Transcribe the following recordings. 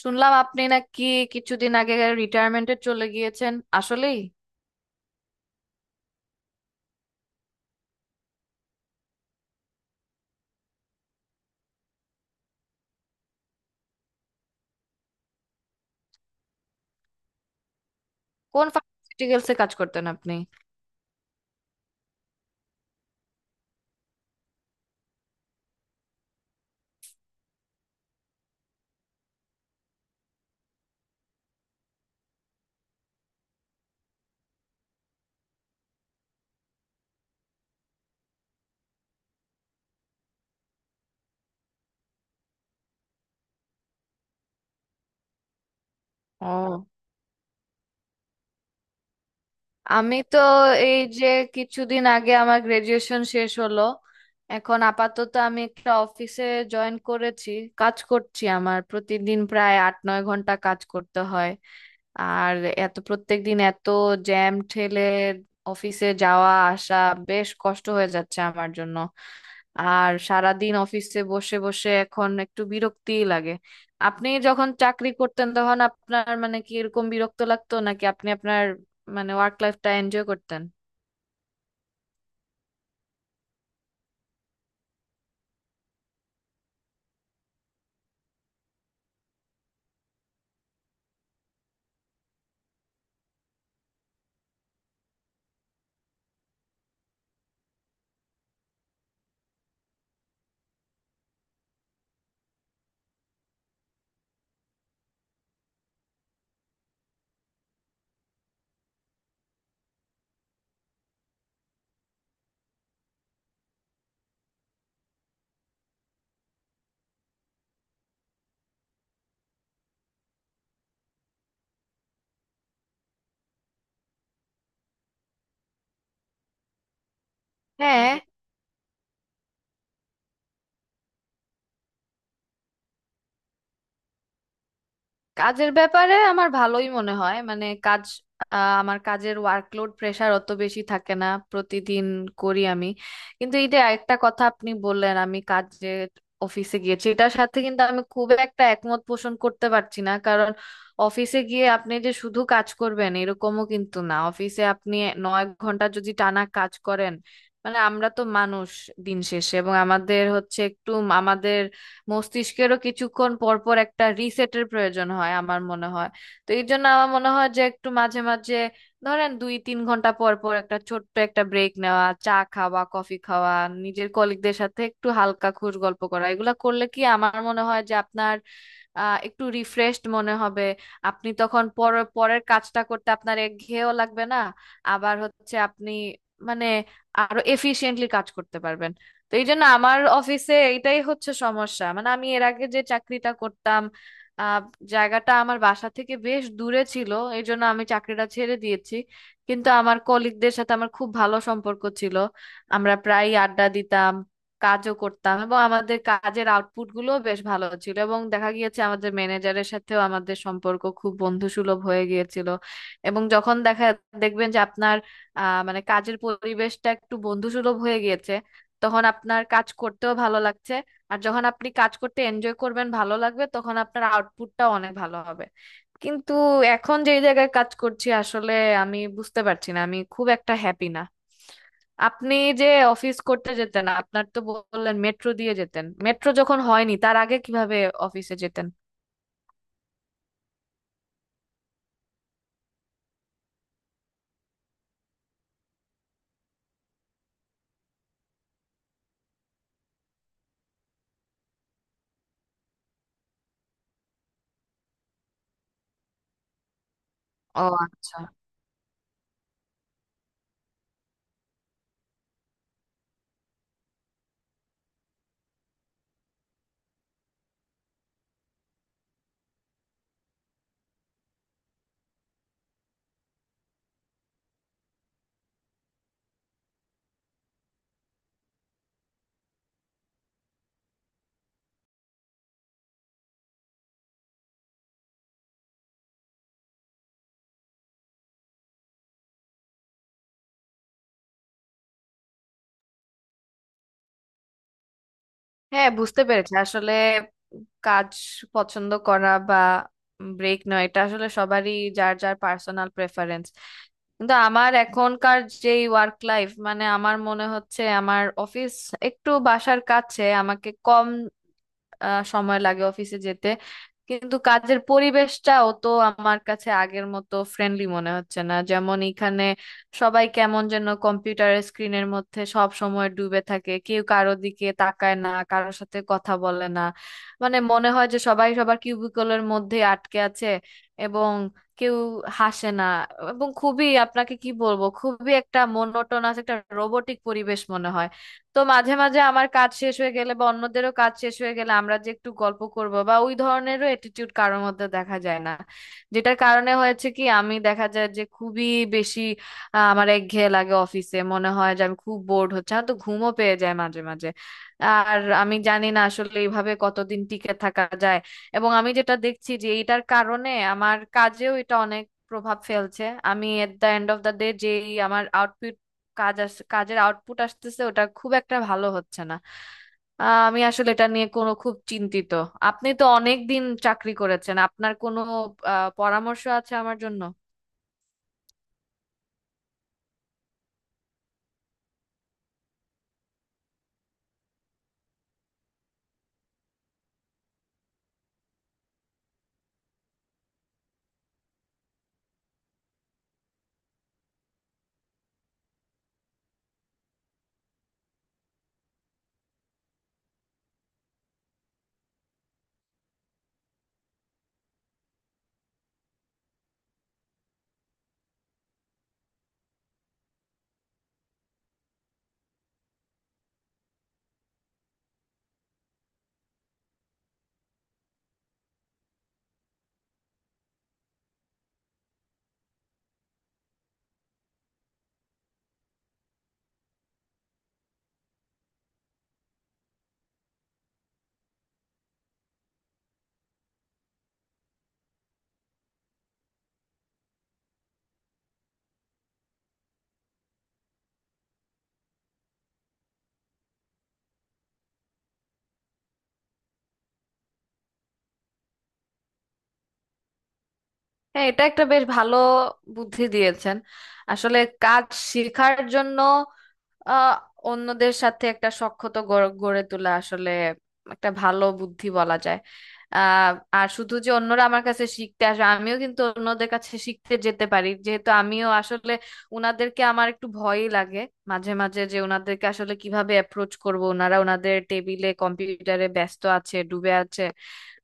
শুনলাম আপনি নাকি কিছুদিন আগে রিটায়ারমেন্টে চলে গিয়েছেন? আসলেই? কোন ফার্মাসিউটিক্যালসে কাজ করতেন আপনি? ও। আমি তো এই যে কিছুদিন আগে আমার গ্রাজুয়েশন শেষ হলো। এখন আপাতত আমি একটা অফিসে জয়েন করেছি, কাজ করছি। আমার প্রতিদিন প্রায় 8-9 ঘন্টা কাজ করতে হয়। আর এত প্রত্যেক দিন এত জ্যাম ঠেলে অফিসে যাওয়া আসা বেশ কষ্ট হয়ে যাচ্ছে আমার জন্য। আর সারাদিন অফিসে বসে বসে এখন একটু বিরক্তিই লাগে। আপনি যখন চাকরি করতেন তখন আপনার, মানে, কি এরকম বিরক্ত লাগতো নাকি আপনি আপনার মানে ওয়ার্ক লাইফটা এনজয় করতেন? হ্যাঁ। কাজের ব্যাপারে আমার ভালোই মনে হয়, মানে কাজ আমার কাজের ওয়ার্কলোড প্রেশার অত বেশি থাকে না প্রতিদিন করি আমি। কিন্তু এই যে একটা কথা আপনি বললেন আমি কাজে অফিসে গিয়েছি, এটার সাথে কিন্তু আমি খুব একটা একমত পোষণ করতে পারছি না, কারণ অফিসে গিয়ে আপনি যে শুধু কাজ করবেন এরকমও কিন্তু না। অফিসে আপনি 9 ঘন্টা যদি টানা কাজ করেন, মানে আমরা তো মানুষ দিন শেষে, এবং আমাদের হচ্ছে একটু আমাদের মস্তিষ্কেরও কিছুক্ষণ পর পর একটা রিসেটের প্রয়োজন হয় আমার মনে হয়। তো এই জন্য আমার মনে হয় যে একটু মাঝে মাঝে ধরেন 2-3 ঘন্টা পর পর একটা ছোট্ট একটা ব্রেক নেওয়া, চা খাওয়া, কফি খাওয়া, নিজের কলিগদের সাথে একটু হালকা খুশ গল্প করা এগুলা করলে কি আমার মনে হয় যে আপনার একটু রিফ্রেশড মনে হবে। আপনি তখন পর পরের কাজটা করতে আপনার একঘেয়েও লাগবে না, আবার হচ্ছে আপনি, মানে, আরো এফিশিয়েন্টলি কাজ করতে পারবেন। তো এই জন্য আমার অফিসে এটাই হচ্ছে সমস্যা, মানে আমি এর আগে যে চাকরিটা করতাম আহ, জায়গাটা আমার বাসা থেকে বেশ দূরে ছিল, এই জন্য আমি চাকরিটা ছেড়ে দিয়েছি। কিন্তু আমার কলিগদের সাথে আমার খুব ভালো সম্পর্ক ছিল, আমরা প্রায় আড্ডা দিতাম, কাজও করতাম এবং আমাদের কাজের আউটপুট গুলো বেশ ভালো ছিল, এবং দেখা গিয়েছে আমাদের ম্যানেজারের সাথেও আমাদের সম্পর্ক খুব বন্ধুসুলভ হয়ে গিয়েছিল। এবং যখন দেখবেন যে আপনার মানে কাজের পরিবেশটা একটু বন্ধুসুলভ হয়ে গিয়েছে তখন আপনার কাজ করতেও ভালো লাগছে। আর যখন আপনি কাজ করতে এনজয় করবেন, ভালো লাগবে, তখন আপনার আউটপুটটাও অনেক ভালো হবে। কিন্তু এখন যেই জায়গায় কাজ করছি আসলে আমি বুঝতে পারছি না, আমি খুব একটা হ্যাপি না। আপনি যে অফিস করতে যেতেন, আপনার তো বললেন মেট্রো দিয়ে যেতেন, মেট্রো যখন হয়নি তার আগে কিভাবে অফিসে যেতেন? ও আচ্ছা। হ্যাঁ বুঝতে পেরেছি। আসলে কাজ পছন্দ করা বা ব্রেক নয় এটা আসলে সবারই যার যার পার্সোনাল প্রেফারেন্স। কিন্তু আমার এখনকার যে ওয়ার্ক লাইফ, মানে আমার মনে হচ্ছে আমার অফিস একটু বাসার কাছে, আমাকে কম সময় লাগে অফিসে যেতে। কিন্তু কাজের পরিবেশটাও তো আমার কাছে আগের মতো ফ্রেন্ডলি মনে হচ্ছে না। যেমন এখানে সবাই কেমন যেন কম্পিউটারের স্ক্রিনের মধ্যে সব সময় ডুবে থাকে, কেউ কারো দিকে তাকায় না, কারোর সাথে কথা বলে না। মানে মনে হয় যে সবাই সবার কিউবিকলের মধ্যে আটকে আছে, এবং কেউ হাসে না, এবং খুবই আপনাকে কি বলবো খুবই একটা মোনোটোনাস একটা রোবটিক পরিবেশ মনে হয়। তো মাঝে মাঝে আমার কাজ শেষ হয়ে গেলে বা অন্যদেরও কাজ শেষ হয়ে গেলে আমরা যে একটু গল্প করব বা ওই ধরনেরও অ্যাটিটিউড কারোর মধ্যে দেখা যায় না। যেটার কারণে হয়েছে কি আমি দেখা যায় যে খুবই বেশি আমার একঘেয়ে লাগে অফিসে, মনে হয় যে আমি খুব বোর্ড হচ্ছে, আমার তো ঘুমও পেয়ে যায় মাঝে মাঝে। আর আমি জানি না আসলে এইভাবে কতদিন টিকে থাকা যায়। এবং আমি যেটা দেখছি যে এটার কারণে আমার কাজেও এটা অনেক প্রভাব ফেলছে। আমি at the end of the day যেই আমার কাজের আউটপুট আসতেছে ওটা খুব একটা ভালো হচ্ছে না। আমি আসলে এটা নিয়ে কোনো খুব চিন্তিত। আপনি তো অনেক দিন চাকরি করেছেন, আপনার কোনো পরামর্শ আছে আমার জন্য? হ্যাঁ এটা একটা বেশ ভালো বুদ্ধি দিয়েছেন। আসলে কাজ শেখার জন্য আহ অন্যদের সাথে একটা সখ্যতা গড়ে গড়ে তোলা আসলে একটা ভালো বুদ্ধি বলা যায়। আর শুধু যে অন্যরা আমার কাছে শিখতে আসে, আমিও কিন্তু অন্যদের কাছে শিখতে যেতে পারি, যেহেতু আমিও আসলে উনাদেরকে আমার একটু ভয়ই লাগে মাঝে মাঝে, যে উনাদেরকে আসলে কিভাবে অ্যাপ্রোচ করব, ওনারা ওনাদের টেবিলে কম্পিউটারে ব্যস্ত আছে, ডুবে আছে।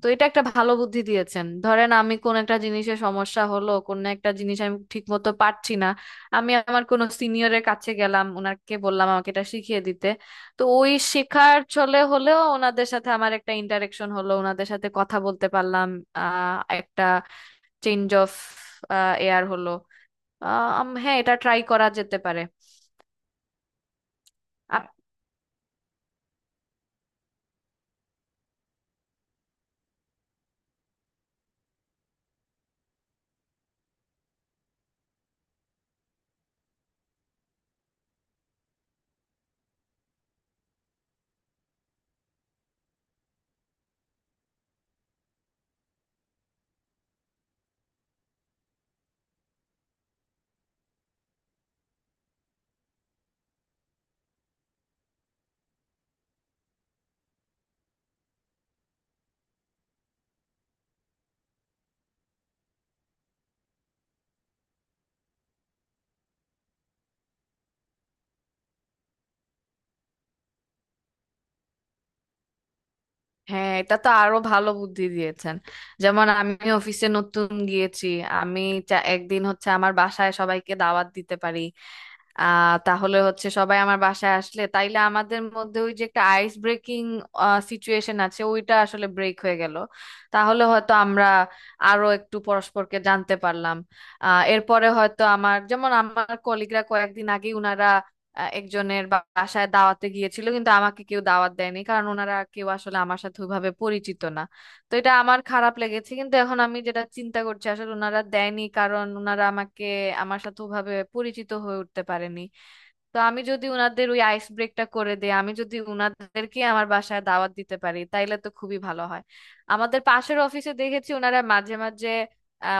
তো এটা একটা ভালো বুদ্ধি দিয়েছেন। ধরেন আমি কোন একটা জিনিসে সমস্যা হলো, কোন একটা জিনিস আমি ঠিক মতো পারছি না, আমি আমার কোন সিনিয়রের কাছে গেলাম, ওনাকে বললাম আমাকে এটা শিখিয়ে দিতে। তো ওই শেখার চলে হলেও ওনাদের সাথে আমার একটা ইন্টারেকশন হলো, ওনাদের সাথে কথা বলতে পারলাম। একটা চেঞ্জ অফ এয়ার হলো। হ্যাঁ এটা ট্রাই করা যেতে পারে। হ্যাঁ এটা তো আরো ভালো বুদ্ধি দিয়েছেন। যেমন আমি অফিসে নতুন গিয়েছি, আমি একদিন হচ্ছে আমার বাসায় সবাইকে দাওয়াত দিতে পারি। তাহলে হচ্ছে সবাই আমার বাসায় আসলে তাইলে আমাদের মধ্যে ওই যে একটা আইস ব্রেকিং সিচুয়েশন আছে ওইটা আসলে ব্রেক হয়ে গেল। তাহলে হয়তো আমরা আরো একটু পরস্পরকে জানতে পারলাম। এরপরে হয়তো আমার যেমন আমার কলিগরা কয়েকদিন আগে উনারা একজনের বাসায় দাওয়াতে গিয়েছিল কিন্তু আমাকে কেউ দাওয়াত দেয়নি, কারণ ওনারা কেউ আসলে আমার সাথে ওইভাবে পরিচিত না। তো এটা আমার খারাপ লেগেছে, কিন্তু এখন আমি যেটা চিন্তা করছি আসলে ওনারা দেয়নি কারণ ওনারা আমাকে আমার সাথে ওভাবে পরিচিত হয়ে উঠতে পারেনি। তো আমি যদি উনাদের ওই আইস ব্রেকটা করে দিই, আমি যদি উনাদেরকে আমার বাসায় দাওয়াত দিতে পারি তাইলে তো খুবই ভালো হয়। আমাদের পাশের অফিসে দেখেছি ওনারা মাঝে মাঝে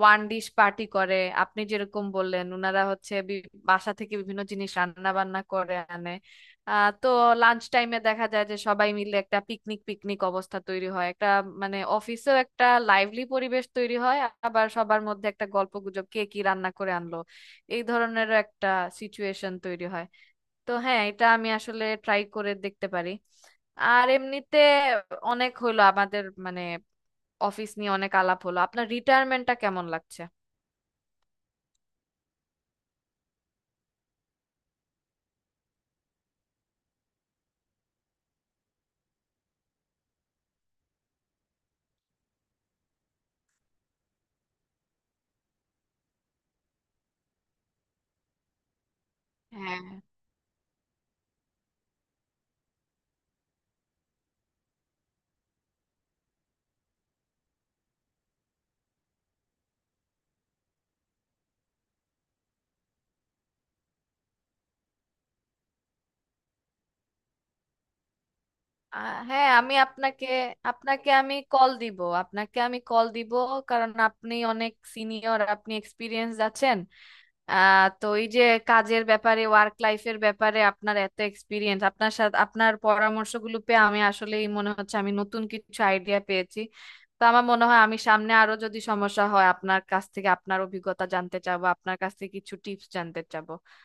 ওয়ান ডিশ পার্টি করে। আপনি যেরকম বললেন ওনারা হচ্ছে বাসা থেকে বিভিন্ন জিনিস রান্না বান্না করে আনে। আহ তো লাঞ্চ টাইমে দেখা যায় যে সবাই মিলে একটা পিকনিক পিকনিক অবস্থা তৈরি হয় একটা, মানে অফিসেও একটা লাইভলি পরিবেশ তৈরি হয়। আবার সবার মধ্যে একটা গল্পগুজব কে কি রান্না করে আনলো এই ধরনেরও একটা সিচুয়েশন তৈরি হয়। তো হ্যাঁ এটা আমি আসলে ট্রাই করে দেখতে পারি। আর এমনিতে অনেক হলো আমাদের মানে অফিস নিয়ে অনেক আলাপ হলো, আপনার রিটায়ারমেন্টটা কেমন লাগছে? হ্যাঁ। হ্যাঁ আমি আপনাকে আপনাকে আমি কল দিব আপনাকে আমি কল দিব, কারণ আপনি অনেক সিনিয়র, আপনি এক্সপিরিয়েন্স আছেন। তো এই যে কাজের ব্যাপারে ওয়ার্ক লাইফের ব্যাপারে আপনার এত এক্সপিরিয়েন্স, আপনার সাথে আপনার পরামর্শগুলো পেয়ে আমি আসলেই মনে হচ্ছে আমি নতুন কিছু আইডিয়া পেয়েছি। তো আমার মনে হয় আমি সামনে আরো যদি সমস্যা হয় আপনার কাছ থেকে আপনার অভিজ্ঞতা জানতে চাবো, আপনার কাছ থেকে কিছু টিপস জানতে চাবো।